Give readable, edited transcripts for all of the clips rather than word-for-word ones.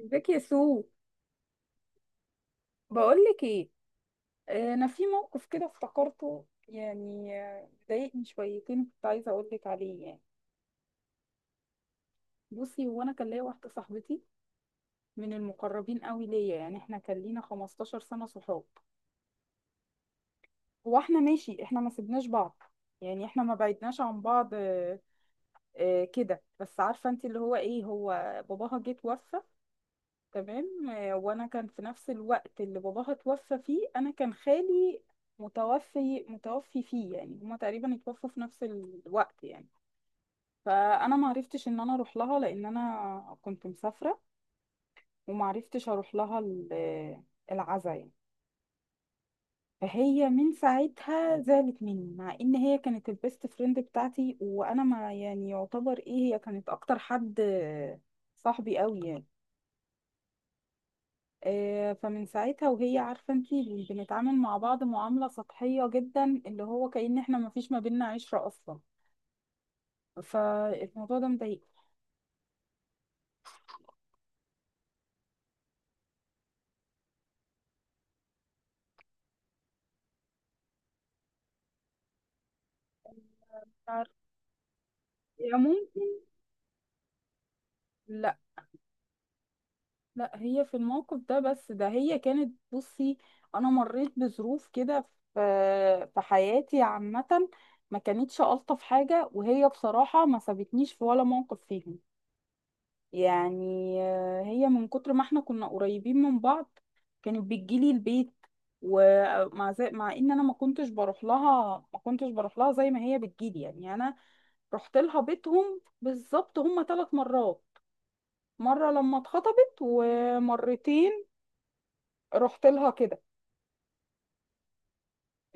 ازيك يا سو؟ بقول لك ايه. انا في موقف كده افتكرته، يعني ضايقني شويتين، كنت عايزه اقول لك عليه يعني. بصي، هو انا كان ليا واحده صاحبتي من المقربين قوي ليا، يعني احنا كان لينا 15 سنه صحاب. هو احنا ماشي، احنا ما سيبناش بعض يعني، احنا ما بعدناش عن بعض. كده، بس عارفه انت اللي هو ايه، هو باباها جه توفى، تمام. وانا كان في نفس الوقت اللي باباها توفى فيه، انا كان خالي متوفي فيه، يعني هما تقريبا اتوفوا في نفس الوقت يعني. فانا ما عرفتش ان انا اروح لها، لان انا كنت مسافره وما عرفتش اروح لها العزاء يعني. فهي من ساعتها زعلت مني، مع ان هي كانت البيست فريند بتاعتي، وانا ما يعني يعتبر ايه، هي كانت اكتر حد صاحبي قوي يعني. فمن ساعتها وهي عارفة انتي بنتعامل مع بعض معاملة سطحية جدا، اللي هو كأن احنا مفيش ما بينا عشرة أصلا، فالموضوع ده مضايق. عارف- يا ممكن لا. لا هي في الموقف ده بس ده، هي كانت، بصي أنا مريت بظروف كده في حياتي عامة، ما كانتش ألطف حاجة، وهي بصراحة ما سابتنيش في ولا موقف فيهم. يعني هي من كتر ما احنا كنا قريبين من بعض، كانت بتجيلي البيت، ومع زي مع ان انا ما كنتش بروح لها، ما كنتش بروح لها زي ما هي بتجيلي، يعني يعني انا رحت لها بيتهم بالظبط هما ثلاث مرات، مرة لما اتخطبت ومرتين رحت لها كده.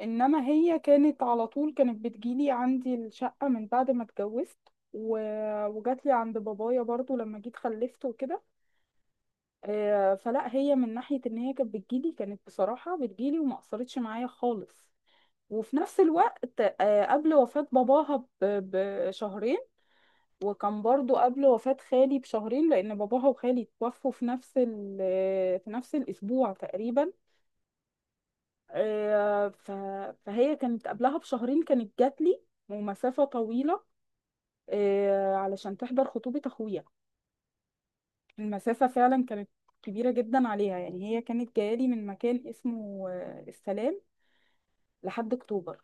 انما هي كانت على طول كانت بتجيلي عندي الشقة من بعد ما اتجوزت، و... وجات لي عند بابايا برضو لما جيت خلفت وكده. فلا هي من ناحية ان هي كانت بتجيلي، كانت بصراحة بتجيلي وما قصرتش معايا خالص. وفي نفس الوقت قبل وفاة باباها بشهرين، وكان برضو قبل وفاة خالي بشهرين، لأن باباها وخالي توفوا في نفس في نفس الأسبوع تقريبا. آه، ف- فهي كانت قبلها بشهرين كانت جاتلي ومسافة طويلة، علشان تحضر خطوبة أخويا. المسافة فعلا كانت كبيرة جدا عليها، يعني هي كانت جايالي من مكان اسمه السلام لحد أكتوبر.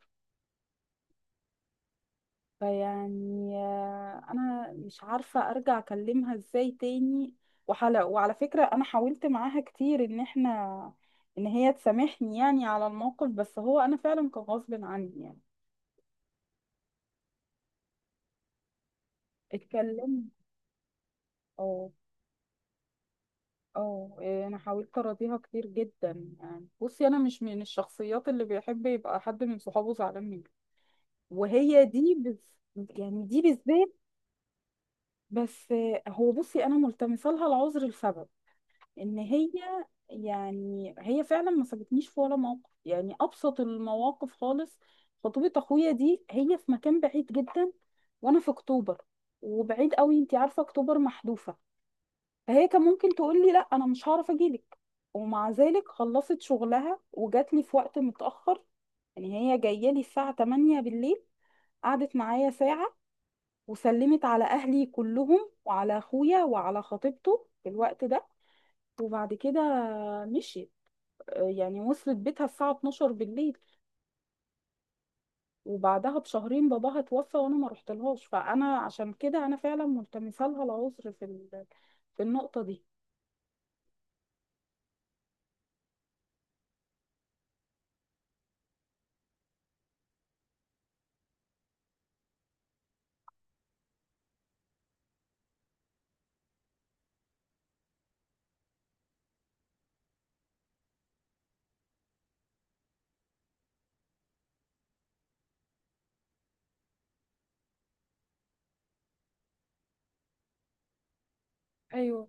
فيعني أنا مش عارفة أرجع أكلمها إزاي تاني. وحلا وعلى فكرة أنا حاولت معاها كتير إن هي تسامحني يعني على الموقف، بس هو أنا فعلا كان غصب عني يعني. اتكلمت. اه. اه انا حاولت اراضيها كتير جدا. يعني بصي انا مش من الشخصيات اللي بيحب يبقى حد من صحابه زعلان منه، وهي دي يعني دي بالذات. بس هو بصي انا ملتمسه لها العذر لسبب ان هي، يعني هي فعلا ما سابتنيش في ولا موقف، يعني ابسط المواقف خالص. خطوبه اخويا دي هي في مكان بعيد جدا، وانا في اكتوبر وبعيد قوي، انتي عارفه اكتوبر محذوفه، فهي كان ممكن تقول لي لا انا مش هعرف اجيلك. ومع ذلك خلصت شغلها وجات لي في وقت متاخر، يعني هي جايه لي الساعه 8 بالليل، قعدت معايا ساعة وسلمت على اهلي كلهم وعلى اخويا وعلى خطيبته في الوقت ده. وبعد كده مشيت. يعني وصلت بيتها الساعة 12 بالليل. وبعدها بشهرين باباها توفى وانا ما رحتلهاش، فانا عشان كده انا فعلا ملتمسه لها العذر في في النقطة دي. ايوه.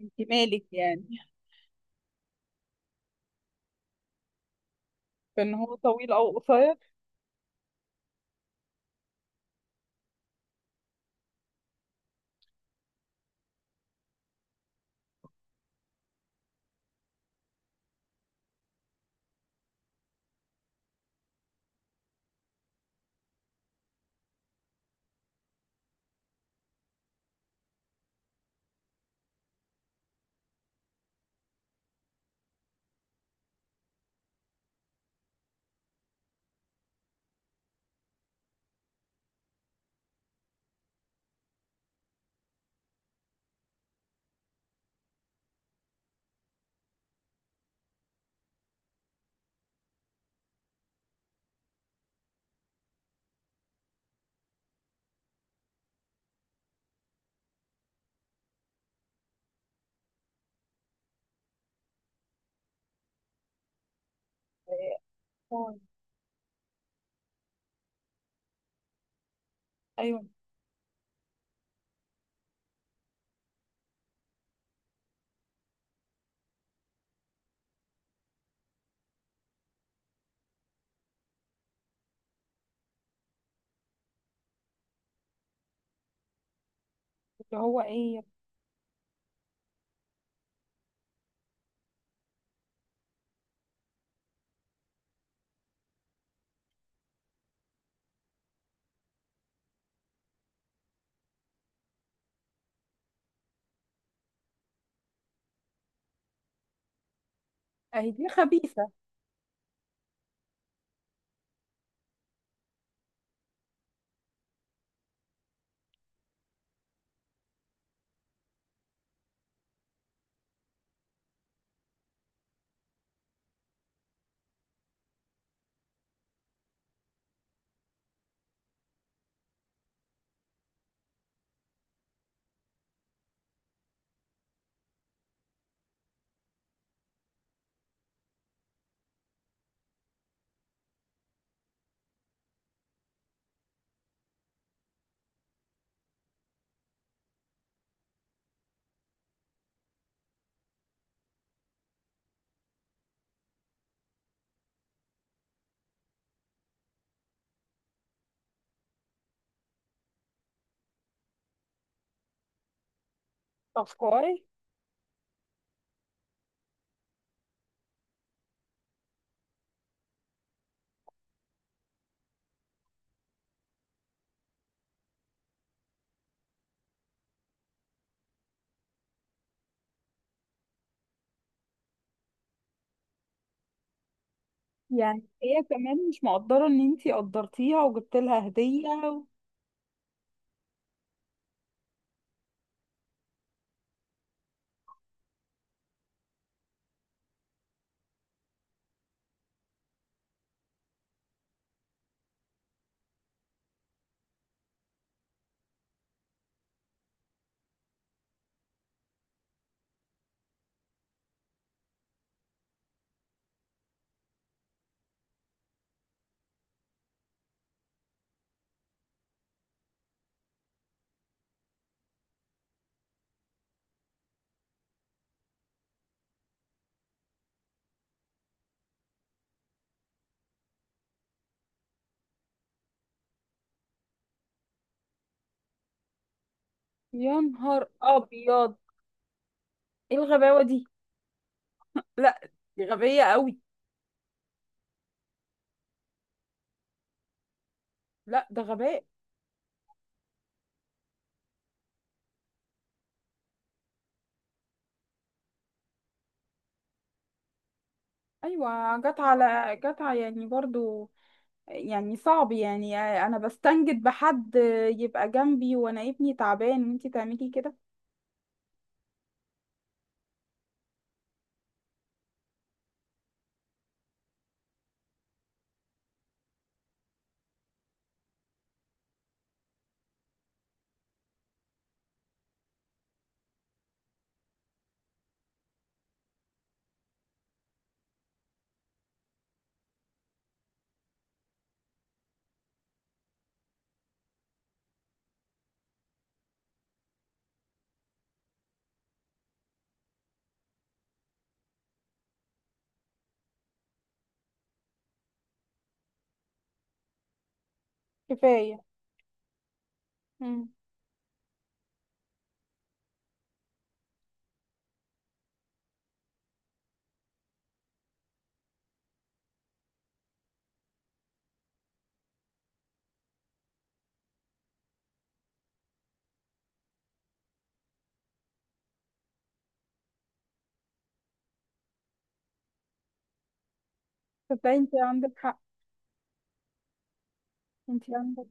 انت مالك يعني؟ فان هو طويل او قصير. آه، ايوه. اللي هو ايه؟ اهي دي خبيثة. طب كويس. يعني هي كمان مش مقدرة ان انتي قدرتيها وجبت لها هدية. يا نهار ابيض! ايه الغباوه دي؟ لا دي غبيه قوي. لا ده غباء. ايوه، جت على يعني برضو. يعني صعب، يعني انا بستنجد بحد يبقى جنبي وانا ابني تعبان وانتي تعملي كده. كفايه. امم. تصدقي انتي عندك حق. انتي عندك.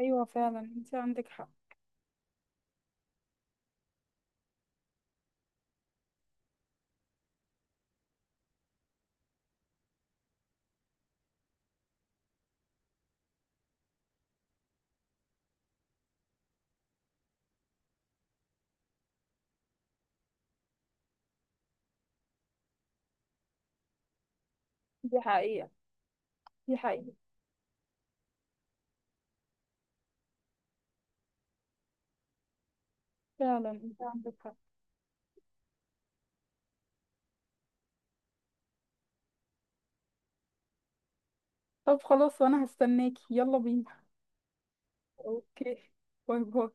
ايوه فعلا انتي عندك حق. دي حقيقه. دي حقيقه. فعلا انتي عندك حق. طب خلاص، وانا هستناكي، يلا بينا. اوكي. باي باي.